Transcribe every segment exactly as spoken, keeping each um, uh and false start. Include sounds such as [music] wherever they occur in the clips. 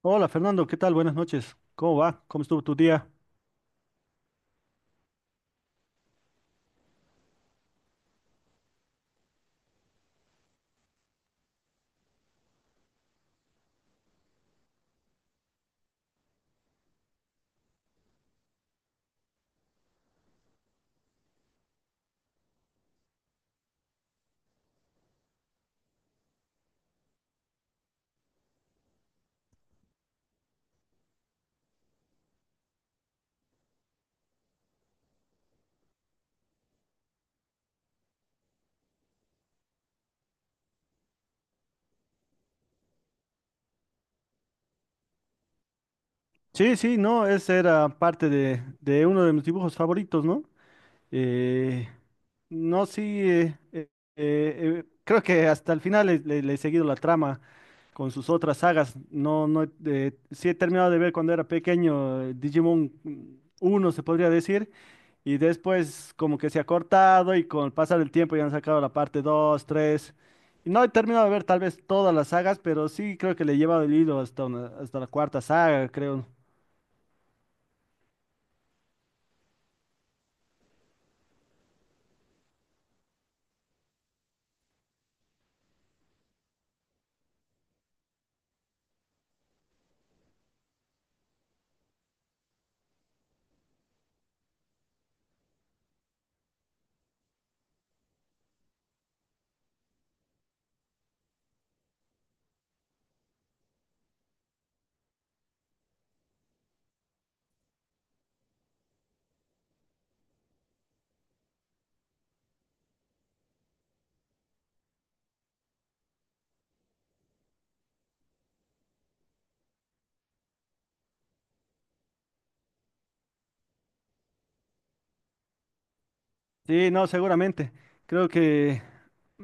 Hola Fernando, ¿qué tal? Buenas noches. ¿Cómo va? ¿Cómo estuvo tu día? Sí, sí, no, ese era parte de, de uno de mis dibujos favoritos, ¿no? Eh, no, sí, eh, eh, eh, creo que hasta el final le, le- le he seguido la trama con sus otras sagas. No, no, eh, sí he terminado de ver cuando era pequeño eh, Digimon uno se podría decir, y después como que se ha cortado y con el pasar del tiempo ya han sacado la parte dos tres. Y no he terminado de ver tal vez todas las sagas, pero sí creo que le he llevado el hilo hasta, una- hasta la cuarta saga, creo. Sí, no, seguramente. Creo que...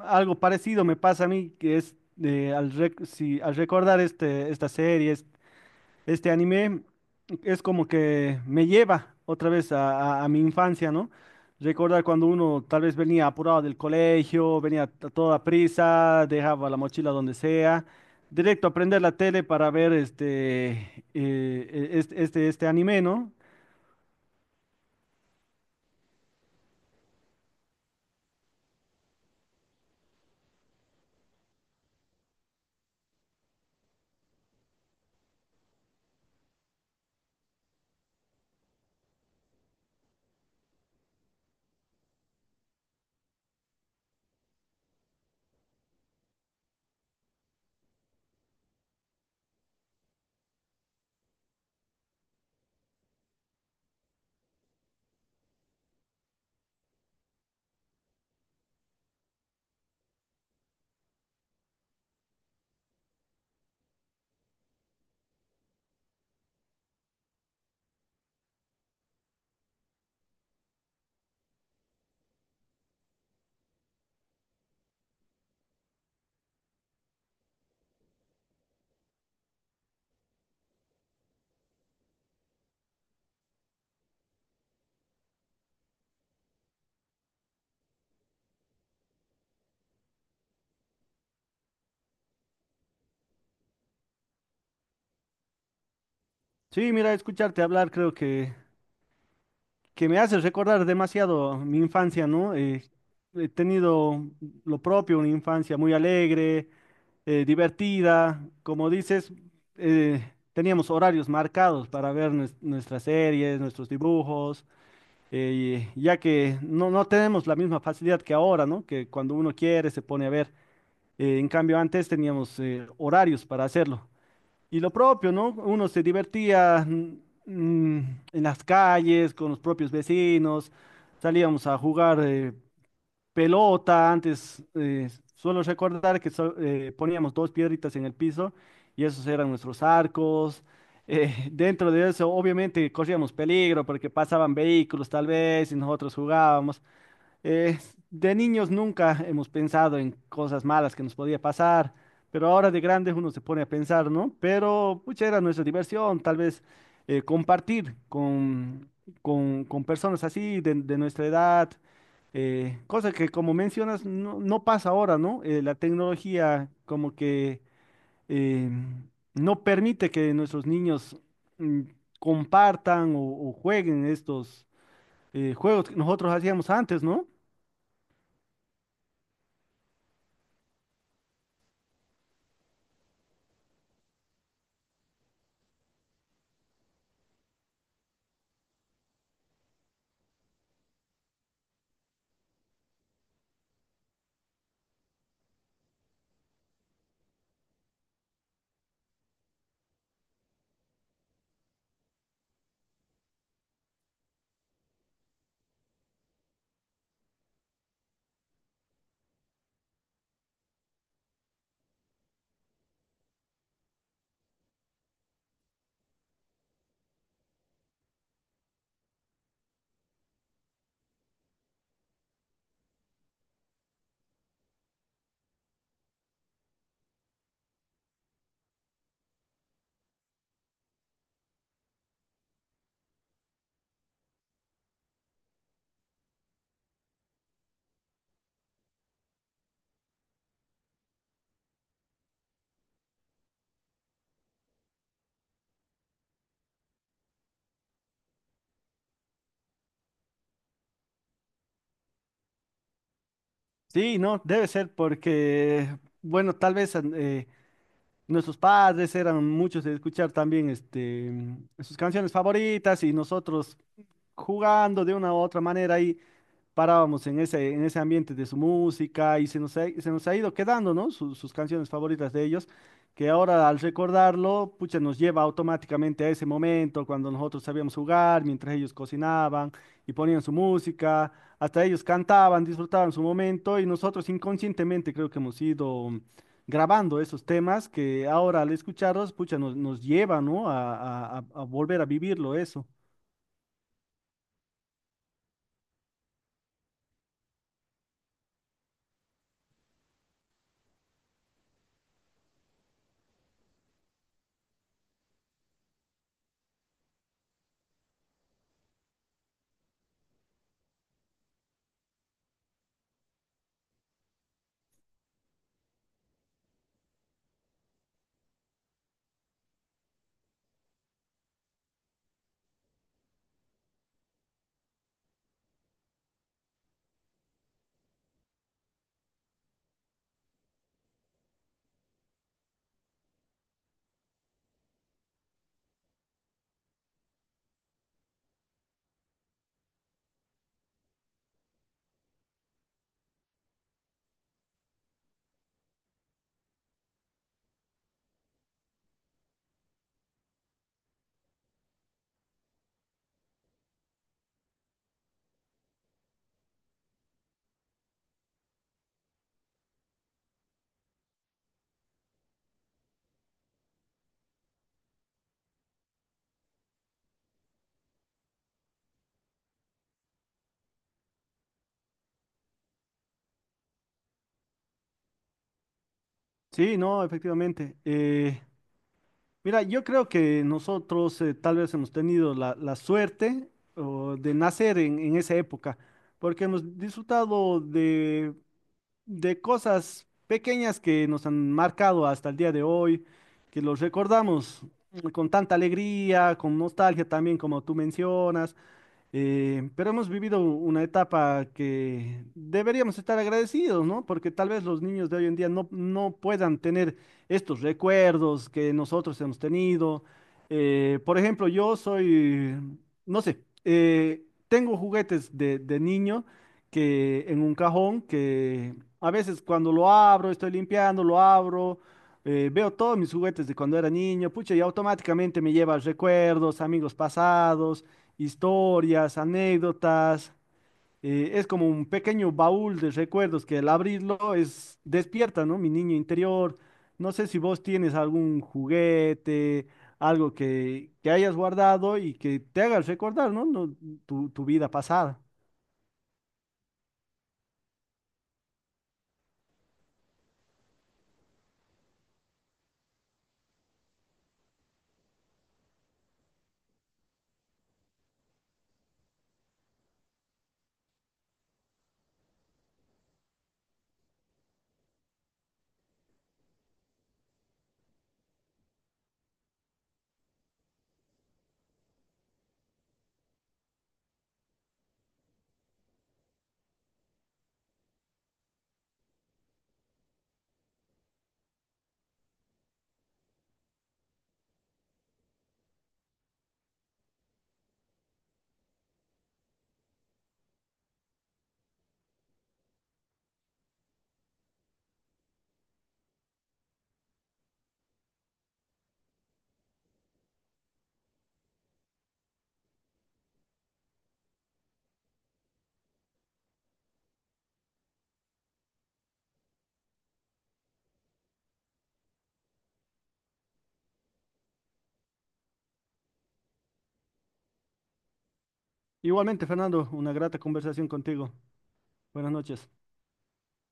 Algo parecido me pasa a mí, que es eh, al, rec- si, al recordar este, esta serie, es- este anime, es como que me lleva otra vez a, a- a mi infancia, ¿no? Recordar cuando uno tal vez venía apurado del colegio, venía a toda prisa, dejaba la mochila donde sea, directo a prender la tele para ver este, eh, e- este, este, este anime, ¿no? Sí, mira, escucharte hablar creo que que me hace recordar demasiado mi infancia, ¿no? Eh, he tenido lo propio, una infancia muy alegre, eh, divertida. Como dices, eh, teníamos horarios marcados para ver nues- nuestras series, nuestros dibujos, eh, y- ya que no, no tenemos la misma facilidad que ahora, ¿no? Que cuando uno quiere se pone a ver. Eh, en cambio, antes teníamos eh, horarios para hacerlo. Y lo propio, ¿no? Uno se divertía mm, mm, en las calles con los propios vecinos, salíamos a jugar eh, pelota, antes eh, suelo recordar que so- eh, poníamos dos piedritas en el piso y esos eran nuestros arcos. Eh, [laughs] dentro de eso, obviamente, corríamos peligro porque pasaban vehículos tal vez y nosotros jugábamos. Eh, de niños nunca hemos pensado en cosas malas que nos podía pasar, pero ahora de grandes uno se pone a pensar, ¿no? Pero pucha, era nuestra diversión, tal vez eh, compartir con, con, con personas así de, de nuestra edad, eh, cosa que como mencionas no, no pasa ahora, ¿no? Eh, la tecnología como que eh, no permite que nuestros niños mm, compartan o, o jueguen estos eh, juegos que nosotros hacíamos antes, ¿no? Sí, no, debe ser porque, bueno, tal vez eh, nuestros padres eran muchos de escuchar también este, sus canciones favoritas y nosotros jugando de una u otra manera ahí parábamos en ese, en ese ambiente de su música y se nos ha, se nos ha ido quedando, ¿no? Sus, sus canciones favoritas de ellos, que ahora al recordarlo, pucha, nos lleva automáticamente a ese momento cuando nosotros sabíamos jugar, mientras ellos cocinaban y ponían su música, hasta ellos cantaban, disfrutaban su momento y nosotros inconscientemente creo que hemos ido grabando esos temas que ahora al escucharlos, pucha, nos, nos lleva, ¿no? A, a- a- a volver a vivirlo eso. Sí, no, efectivamente. Eh, Mira, yo creo que nosotros eh, tal vez hemos tenido la, la suerte o, de nacer en, en esa época, porque hemos disfrutado de, de cosas pequeñas que nos han marcado hasta el día de hoy, que los recordamos mm, con tanta alegría, con nostalgia también, como tú mencionas. Eh, pero hemos vivido una etapa que deberíamos estar agradecidos, ¿no? Porque tal vez los niños de hoy en día no, no puedan tener estos recuerdos que nosotros hemos tenido. Eh, por ejemplo, yo soy, no sé, eh, tengo juguetes de, de niño que en un cajón que a veces cuando lo abro, estoy limpiando, lo abro. Eh, veo todos mis juguetes de cuando era niño, pucha, y automáticamente me lleva a recuerdos, amigos pasados, historias, anécdotas. Eh, es como un pequeño baúl de recuerdos que al abrirlo es despierta, ¿no? Mi niño interior. No sé si vos tienes algún juguete, algo que, que hayas guardado y que te haga recordar, ¿no? No, tu, tu vida pasada. Igualmente, Fernando, una grata conversación contigo. Buenas noches.